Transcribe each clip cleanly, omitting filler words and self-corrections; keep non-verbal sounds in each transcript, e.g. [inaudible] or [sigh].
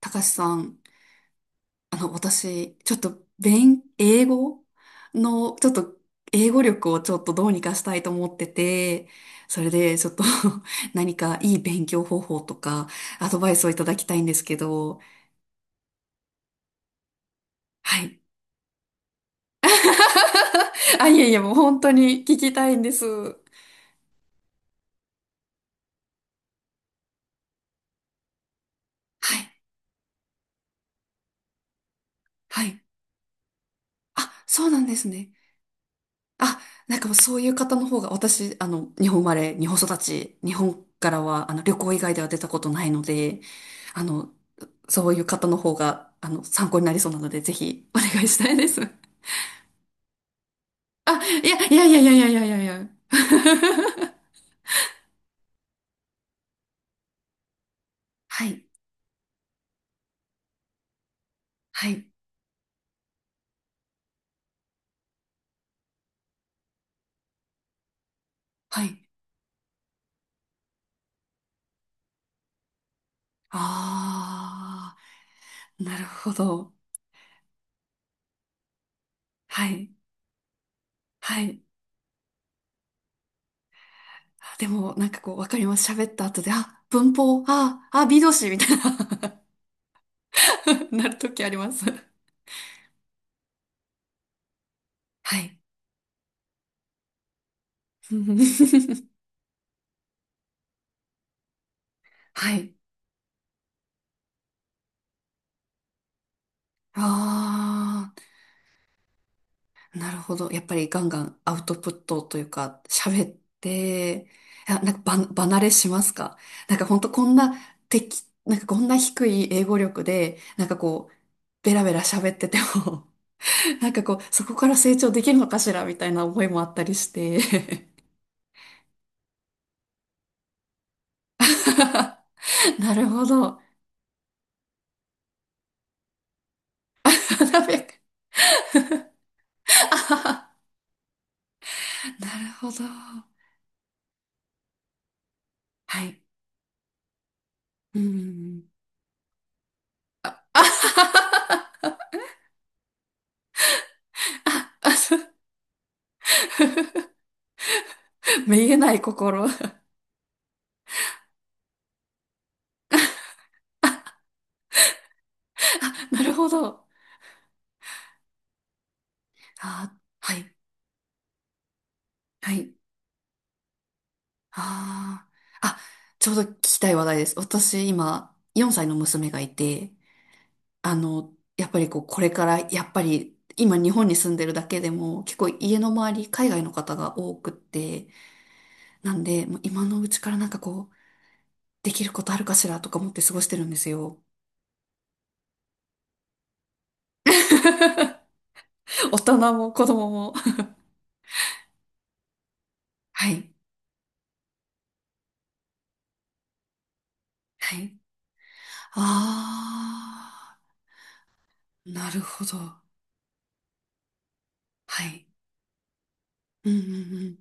たかしさん、私、ちょっと、英語の、ちょっと、英語力をちょっとどうにかしたいと思ってて、それで、ちょっと [laughs] 何かいい勉強方法とか、アドバイスをいただきたいんですけど、はい。[laughs] あ、いやいや、もう本当に聞きたいんです。はい。はい。あ、そうなんですね。あ、なんかもうそういう方の方が、私、日本生まれ、日本育ち、日本からは、旅行以外では出たことないので、あの、そういう方の方が、参考になりそうなので、ぜひ、お願いしたいです。[laughs] あ、いや、いやいやいやいやいやいやいや。[laughs] はい、はい、はい。あー、なるほど。はい、はい。あでも、なんかこう、わかります。喋った後で、あ、文法、B 動詞みたいな [laughs] なるときあります。はい。[laughs] はい。ああ、なるほど。やっぱりガンガンアウトプットというか、喋って、いや、なんかば、離れしますか。なんか本当こんななんかこんな低い英語力で、なんかこう、ベラベラ喋ってても、[laughs] なんかこう、そこから成長できるのかしらみたいな思いもあったりして。[laughs] なるほど。なるほど。はい。うん。[laughs] めげない心。あ、なるほど。あ、はい。はい。ああ。あ、ちょうど聞きたい話題です。私、今、4歳の娘がいて、やっぱりこう、これから、やっぱり、今、日本に住んでるだけでも、結構家の周り、海外の方が多くって、なんで、もう今のうちからなんかこう、できることあるかしらとか思って過ごしてるんですよ。[laughs] 大人も子供も。はい。はい。ああ、なるほど。はい。うんうん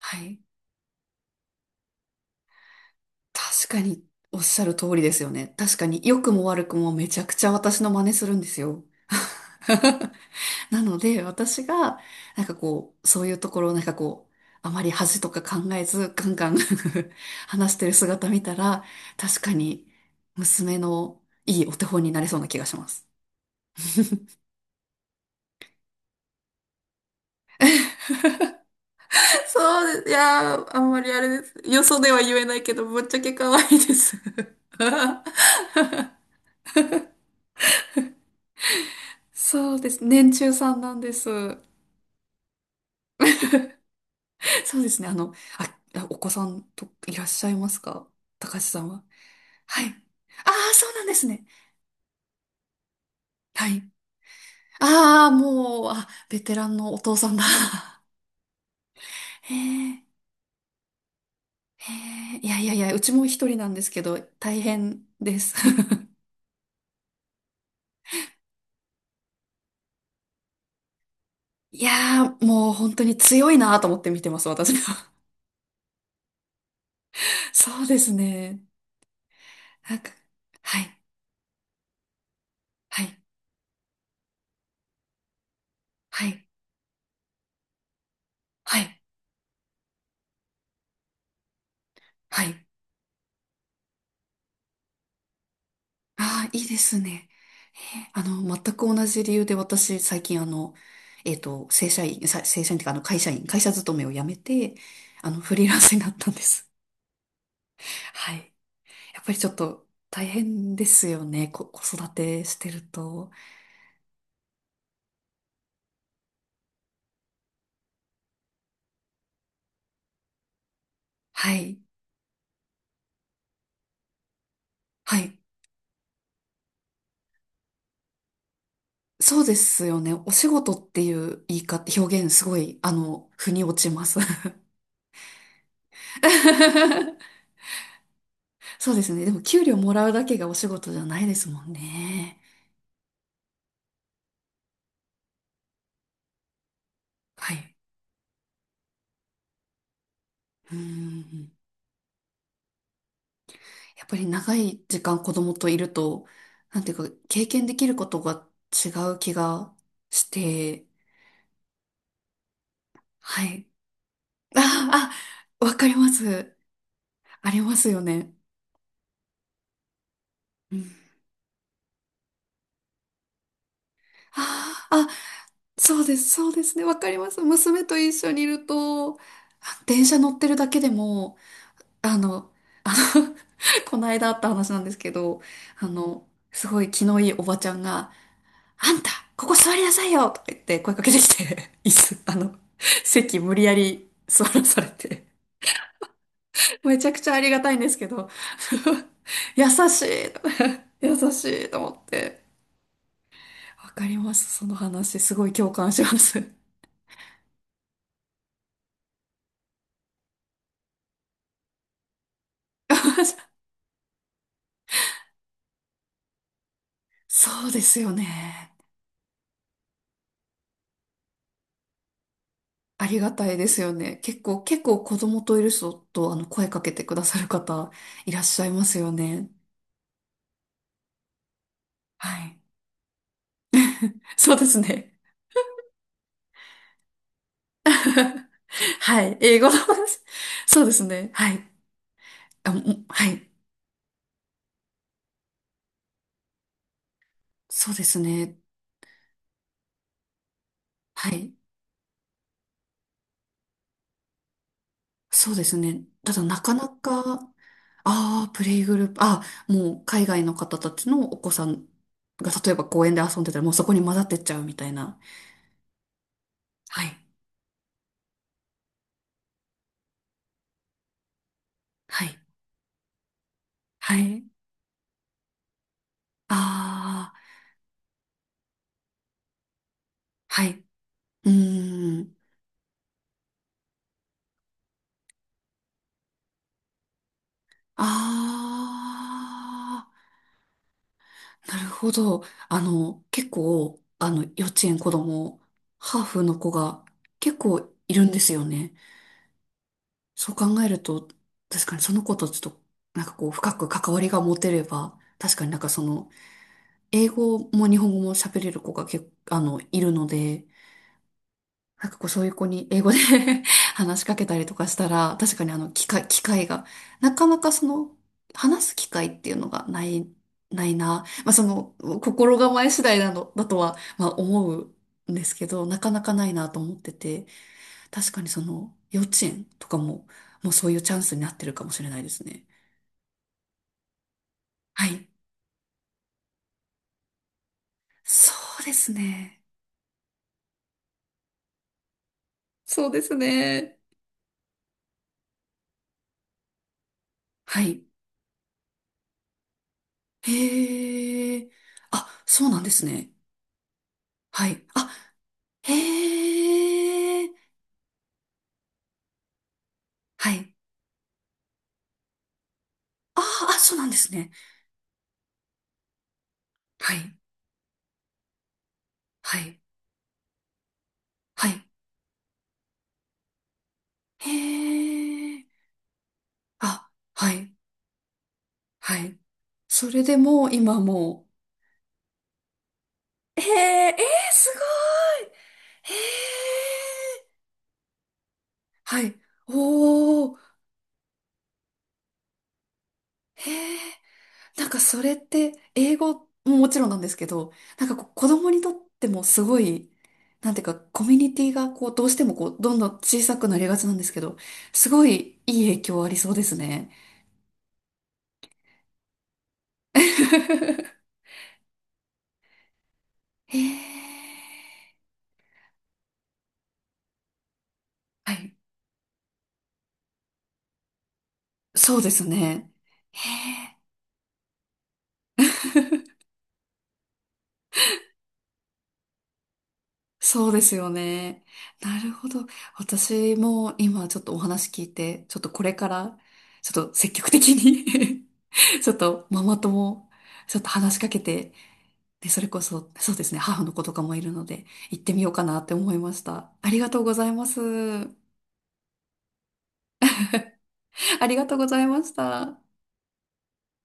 はい。確かにおっしゃる通りですよね。確かに良くも悪くもめちゃくちゃ私の真似するんですよ。[laughs] なので私がなんかこう、そういうところをなんかこう、あまり恥とか考えずガンガン [laughs] 話してる姿見たら、確かに娘のいいお手本になれそうな気がします。[laughs] そうです。いやー、あんまりあれです。よそでは言えないけど、ぶっちゃけ可愛いです。[laughs] そうです。年中さんなんです。そうですね。あお子さんといらっしゃいますか、高橋さんは。はい。ああ、そうなんですね。はい。ああ、もう、あ、ベテランのお父さんだ。[laughs] へえ、へえ、いやいやいや、うちも一人なんですけど、大変です。[laughs] いやー、もう本当に強いなと思って見てます、私は。[laughs] そうですね。なんか、はい、はい、はい、はい、はい。ああ、いいですね。えー全く同じ理由で私、最近あの、えっと、正社員っていうか、会社勤めを辞めて、フリーランスになったんです。[laughs] はい。やっぱりちょっと大変ですよね。子育てしてると。はい。はい。そうですよね。お仕事っていう言い方、表現すごい、あの、腑に落ちます。[laughs] そうですね。でも、給料もらうだけがお仕事じゃないですもんね。はい。うーん。やっぱり長い時間子供といると、なんていうか、経験できることが違う気がして、はい。ああ、わかります。ありますよね。うん。ああ、あそうです、そうですね。わかります。娘と一緒にいると、あ電車乗ってるだけでも、あの、[laughs] この間あった話なんですけど、すごい気のいいおばちゃんが、あんた、ここ座りなさいよとか言って声かけてきて、[laughs] 椅子、席無理やり座らされて、めちゃくちゃありがたいんですけど、[laughs] 優しい、優しいと思って。わかります、その話。すごい共感します。[laughs] そうですよね。ありがたいですよね。結構、結構子供といる人と、あの、声かけてくださる方、いらっしゃいますよね。はい。そうですね。はい。英語の話。そうですね。はい。あ、もはい。そうですね。はい。そうですね。ただなかなか、ああ、プレイグループ、ああ、もう海外の方たちのお子さんが例えば公園で遊んでたらもうそこに混ざってっちゃうみたいな。はい。はい。はい。ああ、はい。うーん。ああ、なるほど。結構、幼稚園子供、ハーフの子が結構いるんですよね。そう考えると、確かにその子とちょっと、なんかこう、深く関わりが持てれば、確かになんかその、英語も日本語も喋れる子が結構、あの、いるので、なんかこう、そういう子に英語で [laughs] 話しかけたりとかしたら、確かにあの、機会、機会が、なかなかその、話す機会っていうのがない、ないな。まあその、心構え次第なの、だとは、まあ思うんですけど、なかなかないなと思ってて。確かにその幼稚園とかも、もうそういうチャンスになってるかもしれないですね。はい。そうですね。そうですね。はい。へえ。あ、そうなんですね。はい。あ、へえ。はい。ああ、そうなんですね。はい。はい。はい。へえ。あ、はい。はい。それでもう今も。へえ、えー、すごい。へえ。はい。おー。へえ、なんかそれって英語ももちろんなんですけど、なんかこう子供にとってもすごい、なんていうかコミュニティがこうどうしてもこうどんどん小さくなりがちなんですけど、すごいいい影響ありそうですね。[laughs] へえ、はい、そうですね。へえ、そうですよね。なるほど。私も今ちょっとお話聞いて、ちょっとこれからちょっと積極的にちょっとママ友、ちょっと話しかけて、で、それこそ、そうですね、母の子とかもいるので、行ってみようかなって思いました。ありがとうございます。ありがとうございました。